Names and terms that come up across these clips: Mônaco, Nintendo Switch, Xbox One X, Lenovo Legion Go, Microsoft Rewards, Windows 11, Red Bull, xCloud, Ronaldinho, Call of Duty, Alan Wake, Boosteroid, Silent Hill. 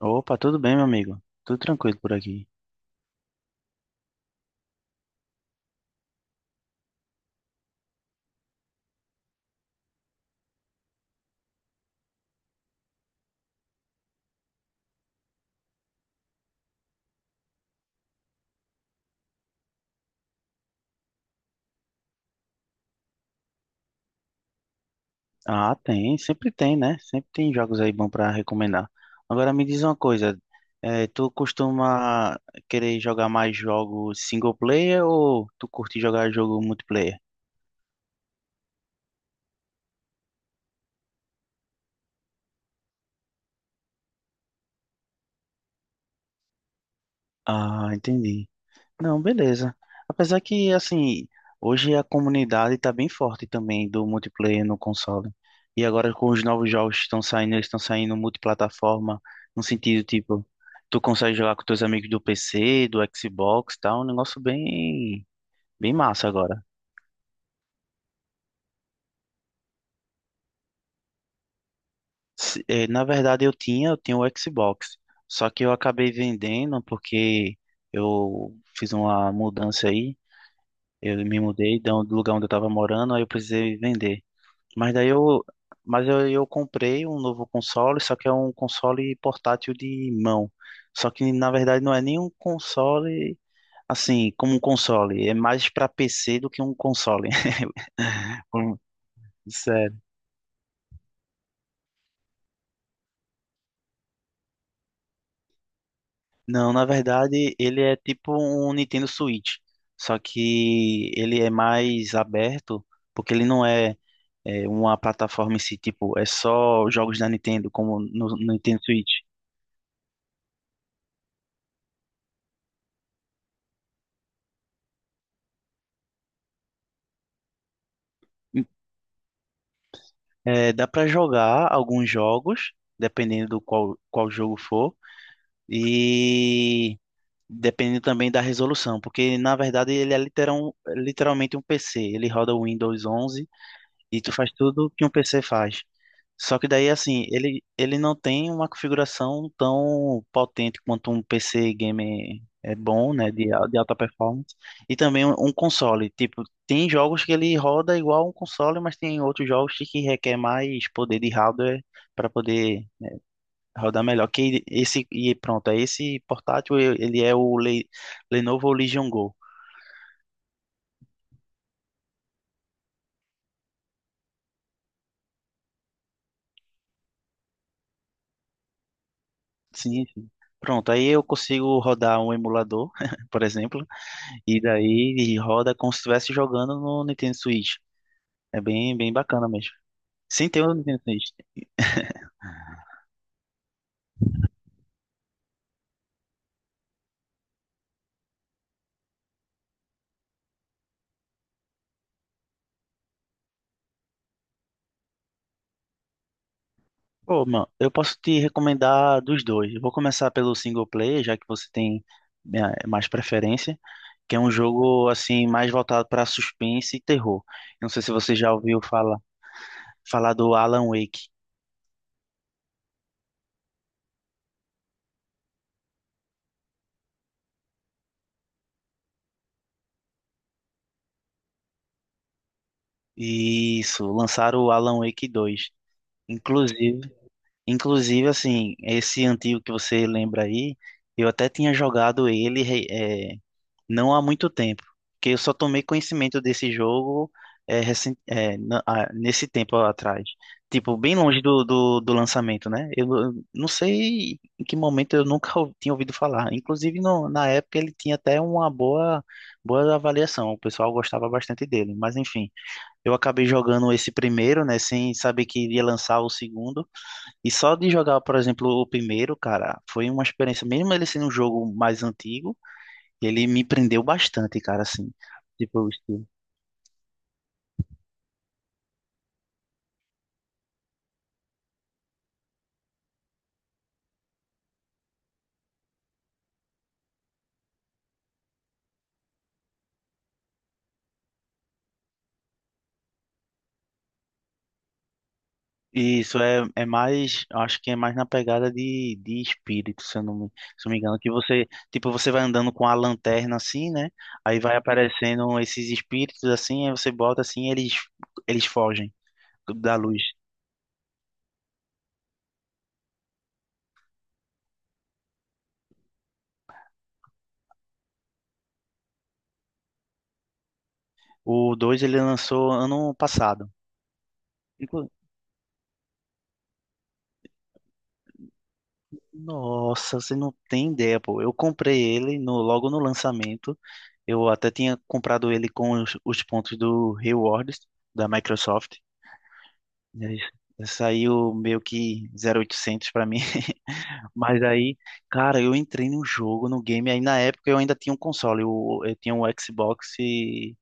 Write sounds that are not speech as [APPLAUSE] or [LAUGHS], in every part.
Opa, tudo bem, meu amigo? Tudo tranquilo por aqui. Ah, tem, sempre tem, né? Sempre tem jogos aí bons pra recomendar. Agora me diz uma coisa, tu costuma querer jogar mais jogos single player ou tu curte jogar jogo multiplayer? Ah, entendi. Não, beleza. Apesar que, assim, hoje a comunidade tá bem forte também do multiplayer no console. E agora com os novos jogos que estão saindo, eles estão saindo multiplataforma, no sentido, tipo, tu consegue jogar com teus amigos do PC, do Xbox, tá? Um negócio bem, bem massa agora. Na verdade, eu tinha o Xbox, só que eu acabei vendendo porque eu fiz uma mudança aí, eu me mudei do lugar onde eu tava morando, aí eu precisei vender. Mas daí eu, mas eu comprei um novo console, só que é um console portátil de mão. Só que na verdade não é nem um console assim, como um console, é mais para PC do que um console. [LAUGHS] Hum, Sério. Não, na verdade ele é tipo um Nintendo Switch, só que ele é mais aberto, porque ele não é, é uma plataforma em si, tipo, é só jogos da Nintendo, como no Nintendo Switch. É, dá para jogar alguns jogos, dependendo qual jogo for, e dependendo também da resolução, porque na verdade ele é literalmente um PC. Ele roda o Windows 11 e tu faz tudo que um PC faz. Só que daí, assim, ele não tem uma configuração tão potente quanto um PC gamer é bom, né, de alta performance, e também um console. Tipo, tem jogos que ele roda igual um console, mas tem outros jogos que requer mais poder de hardware para poder rodar melhor. E pronto, aí esse portátil, ele é o Lenovo Legion Go. Sim, sim. Pronto, aí eu consigo rodar um emulador, [LAUGHS] por exemplo. E daí ele roda como se estivesse jogando no Nintendo Switch. É bem, bem bacana mesmo. Sim, tem o Nintendo Switch. [LAUGHS] Pô, mano, eu posso te recomendar dos dois. Eu vou começar pelo single player, já que você tem mais preferência, que é um jogo assim mais voltado para suspense e terror. Eu não sei se você já ouviu falar do Alan Wake. Isso, lançaram o Alan Wake dois. Inclusive, inclusive assim, esse antigo que você lembra aí, eu até tinha jogado ele. Não há muito tempo, que eu só tomei conhecimento desse jogo nesse tempo atrás. Tipo, bem longe do lançamento, né? Eu não sei em que momento eu nunca ou- tinha ouvido falar. Inclusive, na época ele tinha até uma boa avaliação, o pessoal gostava bastante dele. Mas enfim, eu acabei jogando esse primeiro, né? Sem saber que iria lançar o segundo. E só de jogar, por exemplo, o primeiro, cara, foi uma experiência, mesmo ele sendo um jogo mais antigo. Ele me prendeu bastante, cara, assim. Tipo, o estilo. Isso é, é mais, eu acho que é mais na pegada de espírito, se eu não me engano, que você, tipo, você vai andando com a lanterna assim, né? Aí vai aparecendo esses espíritos assim, aí você bota assim, e eles fogem da luz. O 2 ele lançou ano passado. Nossa, você não tem ideia, pô. Eu comprei ele logo no lançamento. Eu até tinha comprado ele com os pontos do Rewards da Microsoft. E aí saiu meio que 0,800 pra mim. [LAUGHS] Mas aí, cara, eu entrei no jogo, no game. Aí na época eu ainda tinha um console. Eu tinha um Xbox e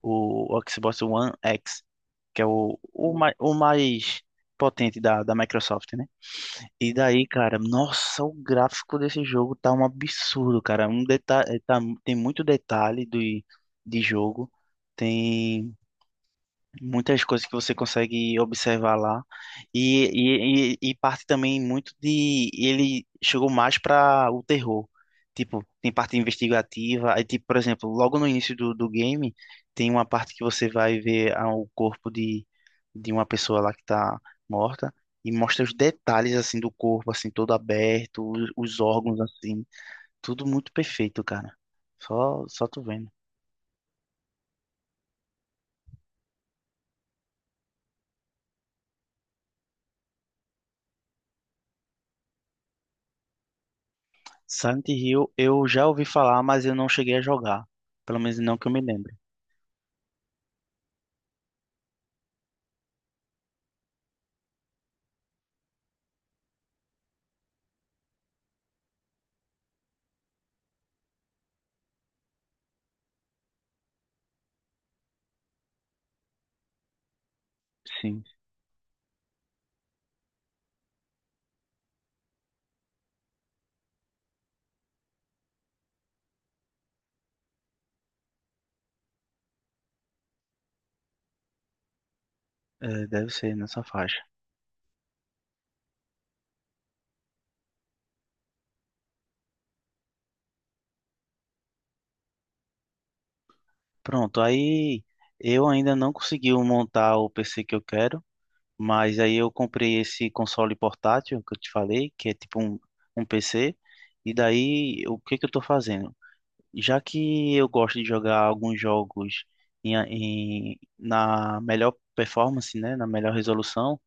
o Xbox One X, que é o mais potente da Microsoft, né? E daí, cara, nossa, o gráfico desse jogo tá um absurdo, cara. Tem muito detalhe de jogo. Tem muitas coisas que você consegue observar lá e, e parte também muito de ele chegou mais para o terror, tipo tem parte investigativa, aí tipo por exemplo logo no início do game tem uma parte que você vai ver o corpo de uma pessoa lá que tá morta e mostra os detalhes assim do corpo assim todo aberto, os órgãos assim tudo muito perfeito, cara. Só só tu vendo. Silent Hill eu já ouvi falar, mas eu não cheguei a jogar. Pelo menos não que eu me lembre. Sim, é, deve ser nessa faixa. Pronto, aí eu ainda não consegui montar o PC que eu quero, mas aí eu comprei esse console portátil que eu te falei, que é tipo um, um PC. E daí, o que que eu tô fazendo? Já que eu gosto de jogar alguns jogos na melhor performance, né, na melhor resolução,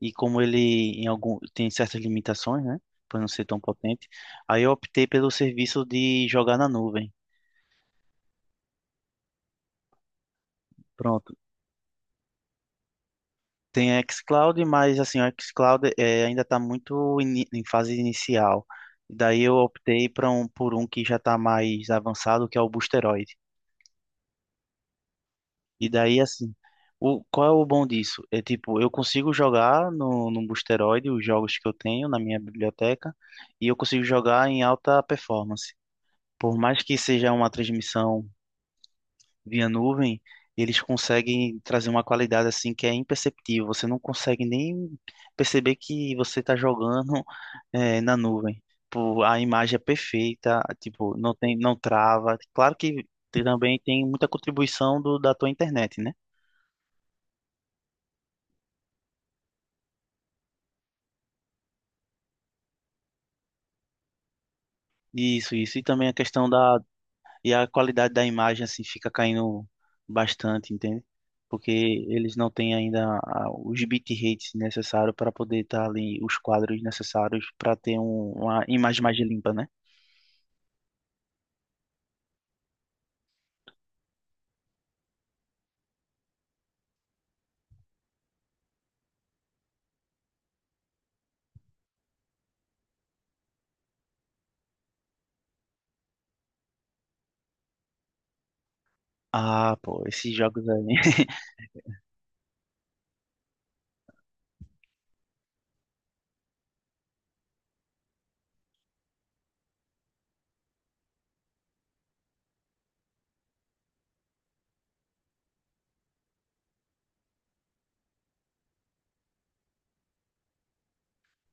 e como ele em algum tem certas limitações, né, por não ser tão potente, aí eu optei pelo serviço de jogar na nuvem. Pronto. Tem a xCloud, mas assim, o xCloud ainda está muito em fase inicial. Daí eu optei para um por um que já está mais avançado, que é o Boosteroid. E daí assim, o qual é o bom disso? É tipo, eu consigo jogar no Boosteroid os jogos que eu tenho na minha biblioteca e eu consigo jogar em alta performance, por mais que seja uma transmissão via nuvem, eles conseguem trazer uma qualidade assim que é imperceptível. Você não consegue nem perceber que você está jogando [LAUGHS] na nuvem. Pô, a imagem é perfeita, tipo, não tem, não trava. Claro que também tem muita contribuição do, da tua internet, né? Isso, isso. E também a questão da... E a qualidade da imagem assim fica caindo bastante, entende? Porque eles não têm ainda os bitrates necessários para poder estar ali, os quadros necessários para ter uma imagem mais limpa, né? Ah, pô, esses jogos aí. [LAUGHS]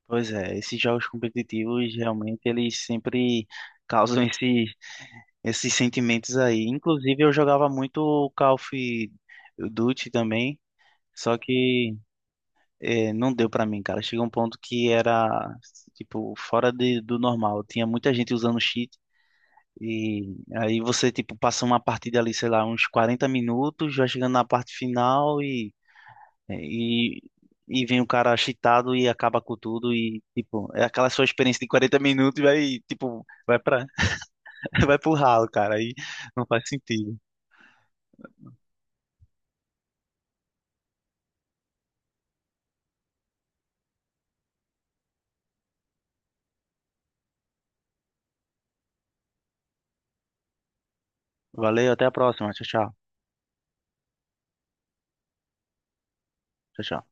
Pois é, esses jogos competitivos realmente eles sempre causam esses sentimentos aí. Inclusive eu jogava muito o Call of Duty também, só que É, não deu pra mim, cara. Chegou um ponto que era, tipo, fora do normal. Tinha muita gente usando cheat. E aí você, tipo, passa uma partida ali, sei lá, uns 40 minutos, já chegando na parte final é, e, e vem o cara cheatado e acaba com tudo. E, tipo, é aquela sua experiência de 40 minutos e vai, tipo, vai pra... [LAUGHS] Vai pro ralo, cara. Aí não faz sentido. Valeu, até a próxima. Tchau, tchau. Tchau, tchau.